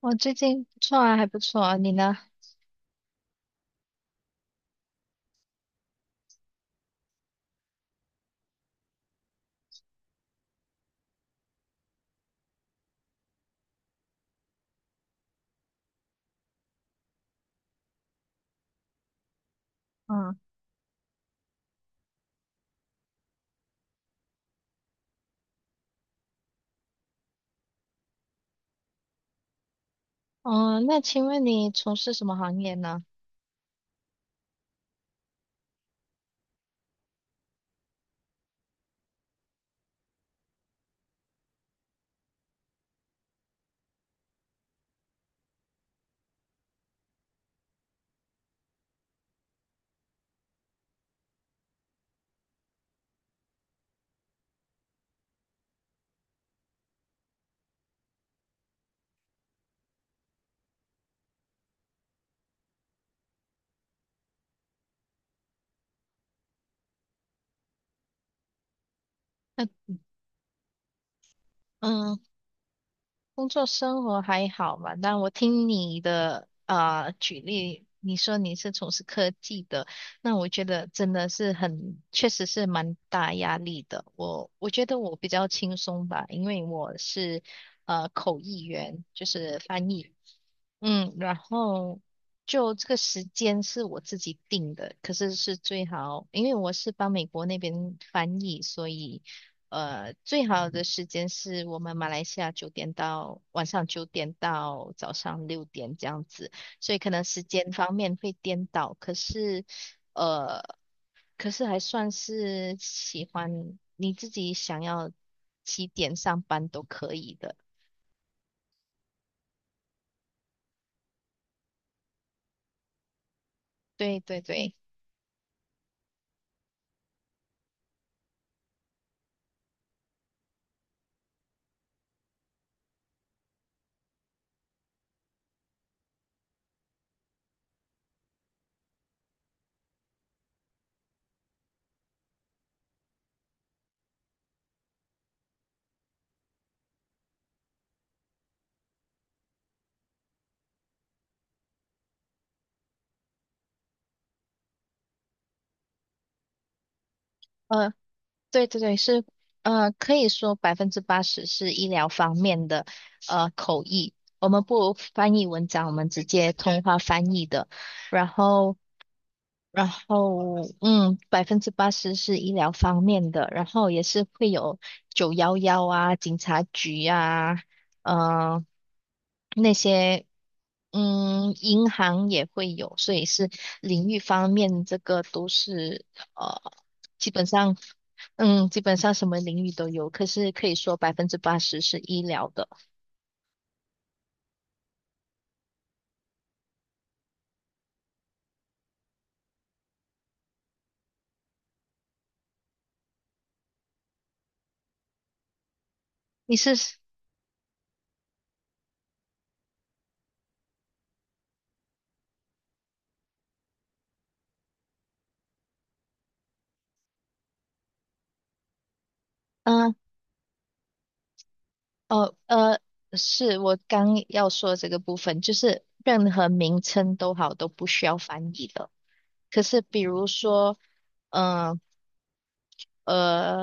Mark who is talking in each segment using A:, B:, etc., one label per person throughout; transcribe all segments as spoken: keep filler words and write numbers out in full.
A: 我最近不错啊，还不错啊，你呢？嗯，嗯，那请问你从事什么行业呢？那嗯工作生活还好嘛？但我听你的啊、呃举例，你说你是从事科技的，那我觉得真的是很，确实是蛮大压力的。我我觉得我比较轻松吧，因为我是呃口译员，就是翻译。嗯，然后就这个时间是我自己定的，可是是最好，因为我是帮美国那边翻译，所以呃，最好的时间是我们马来西亚九点到晚上九点到早上六点这样子，所以可能时间方面会颠倒，可是呃，可是还算是喜欢你自己想要几点上班都可以的。对对对，呃，对对对，是呃，可以说百分之八十是医疗方面的呃口译，我们不翻译文章，我们直接通话翻译的。然后然后，嗯，百分之八十是医疗方面的，然后也是会有九幺幺啊、警察局啊，呃，那些，嗯，银行也会有，所以是领域方面，这个都是呃，基本上，嗯，基本上什么领域都有，可是可以说百分之八十是医疗的。你是，嗯、哦，呃，是我刚要说这个部分，就是任何名称都好，都不需要翻译的。可是比如说，嗯呃，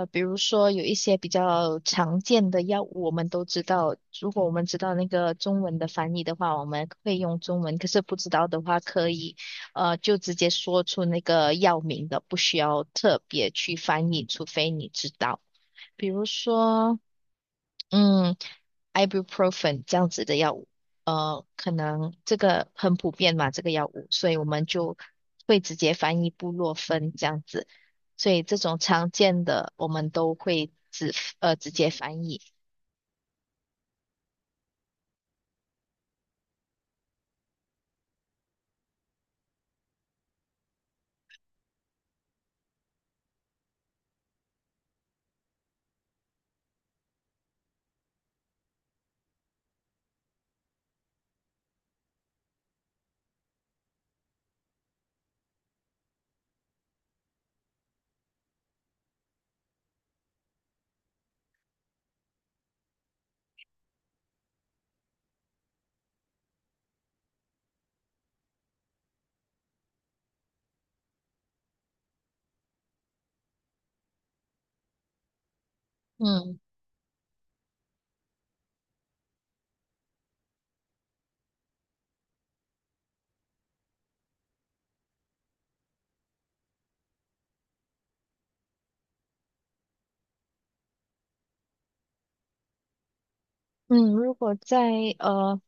A: 呃比如说有一些比较常见的药物，我们都知道，如果我们知道那个中文的翻译的话，我们会用中文；可是不知道的话，可以呃就直接说出那个药名的，不需要特别去翻译，除非你知道。比如说。嗯，ibuprofen 这样子的药物，呃，可能这个很普遍嘛，这个药物，所以我们就会直接翻译布洛芬这样子，所以这种常见的我们都会直呃直接翻译。嗯嗯，如果在呃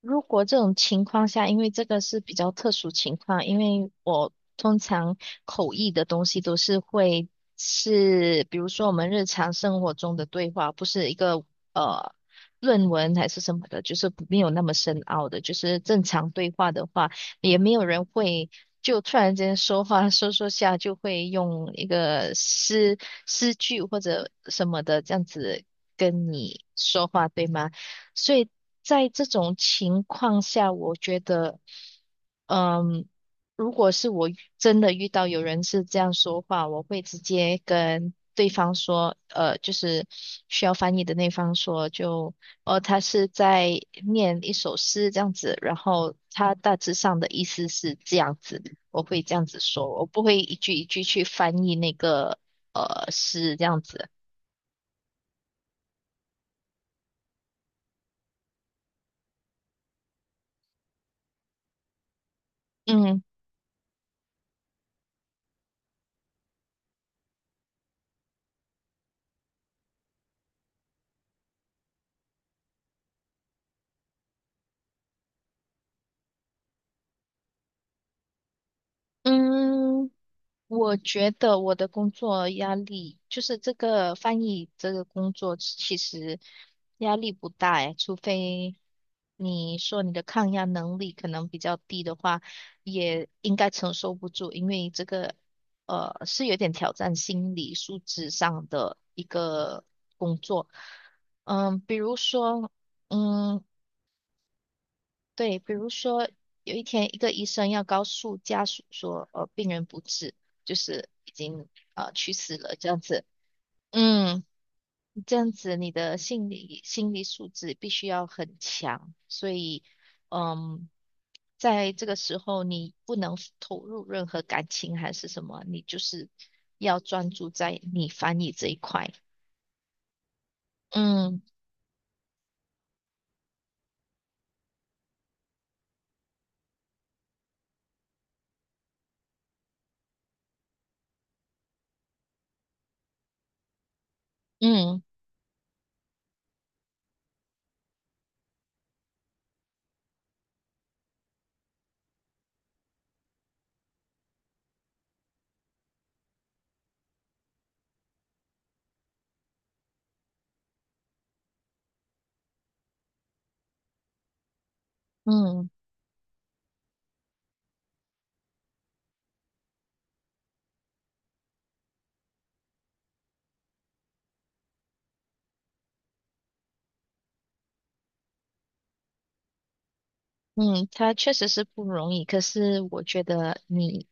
A: 如果这种情况下，因为这个是比较特殊情况，因为我通常口译的东西都是会是，比如说我们日常生活中的对话，不是一个呃论文还是什么的，就是没有那么深奥的，就是正常对话的话，也没有人会就突然间说话说说下就会用一个诗诗句或者什么的这样子跟你说话，对吗？所以在这种情况下，我觉得，嗯，如果是我遇真的遇到有人是这样说话，我会直接跟对方说，呃，就是需要翻译的那方说，就，哦，他是在念一首诗这样子，然后他大致上的意思是这样子，我会这样子说，我不会一句一句去翻译那个呃诗这样子，嗯嗯。我觉得我的工作压力，就是这个翻译这个工作，其实压力不大诶，除非你说你的抗压能力可能比较低的话，也应该承受不住，因为这个呃是有点挑战心理素质上的一个工作。嗯，比如说，嗯，对，比如说有一天，一个医生要告诉家属说，呃，病人不治，就是已经呃去世了这样子。嗯，这样子你的心理心理素质必须要很强，所以嗯，在这个时候你不能投入任何感情还是什么，你就是要专注在你翻译这一块。嗯嗯嗯。嗯，他确实是不容易，可是我觉得你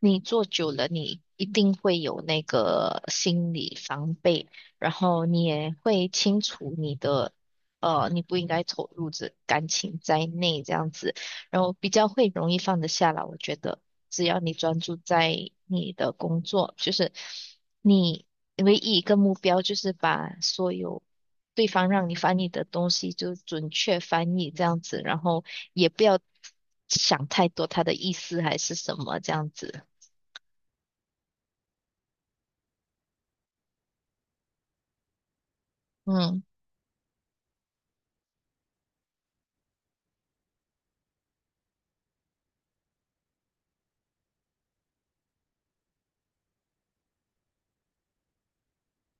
A: 你做久了，你一定会有那个心理防备，然后你也会清楚你的呃，你不应该投入这感情在内这样子，然后比较会容易放得下来。我觉得只要你专注在你的工作，就是你唯一一个目标就是把所有对方让你翻译的东西就准确翻译这样子，然后也不要想太多他的意思还是什么这样子。嗯。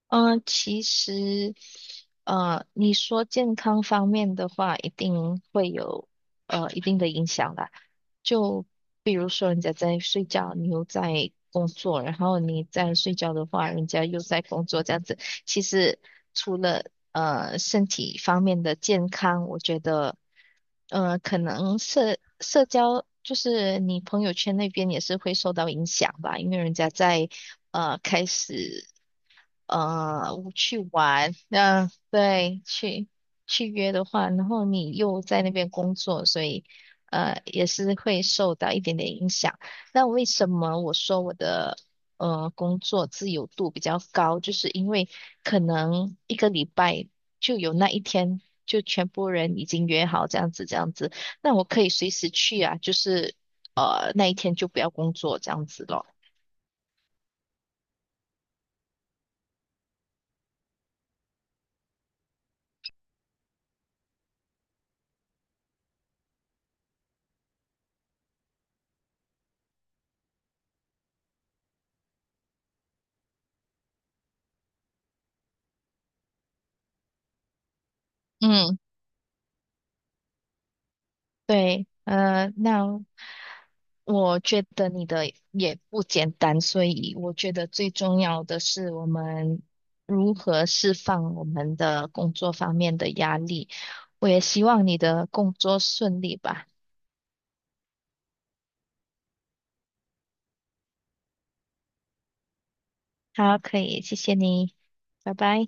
A: 嗯，其实，呃，你说健康方面的话，一定会有呃一定的影响啦。就比如说，人家在睡觉，你又在工作，然后你在睡觉的话，人家又在工作，这样子。其实除了呃身体方面的健康，我觉得，呃，可能社社交就是你朋友圈那边也是会受到影响吧，因为人家在呃开始。呃去玩，嗯，对去去约的话，然后你又在那边工作，所以呃也是会受到一点点影响。那为什么我说我的呃工作自由度比较高，就是因为可能一个礼拜就有那一天。就全部人已经约好这样子，这样子，那我可以随时去啊，就是呃那一天就不要工作这样子咯。嗯，对，呃，那我觉得你的也不简单，所以我觉得最重要的是我们如何释放我们的工作方面的压力。我也希望你的工作顺利吧。好，可以，谢谢你，拜拜。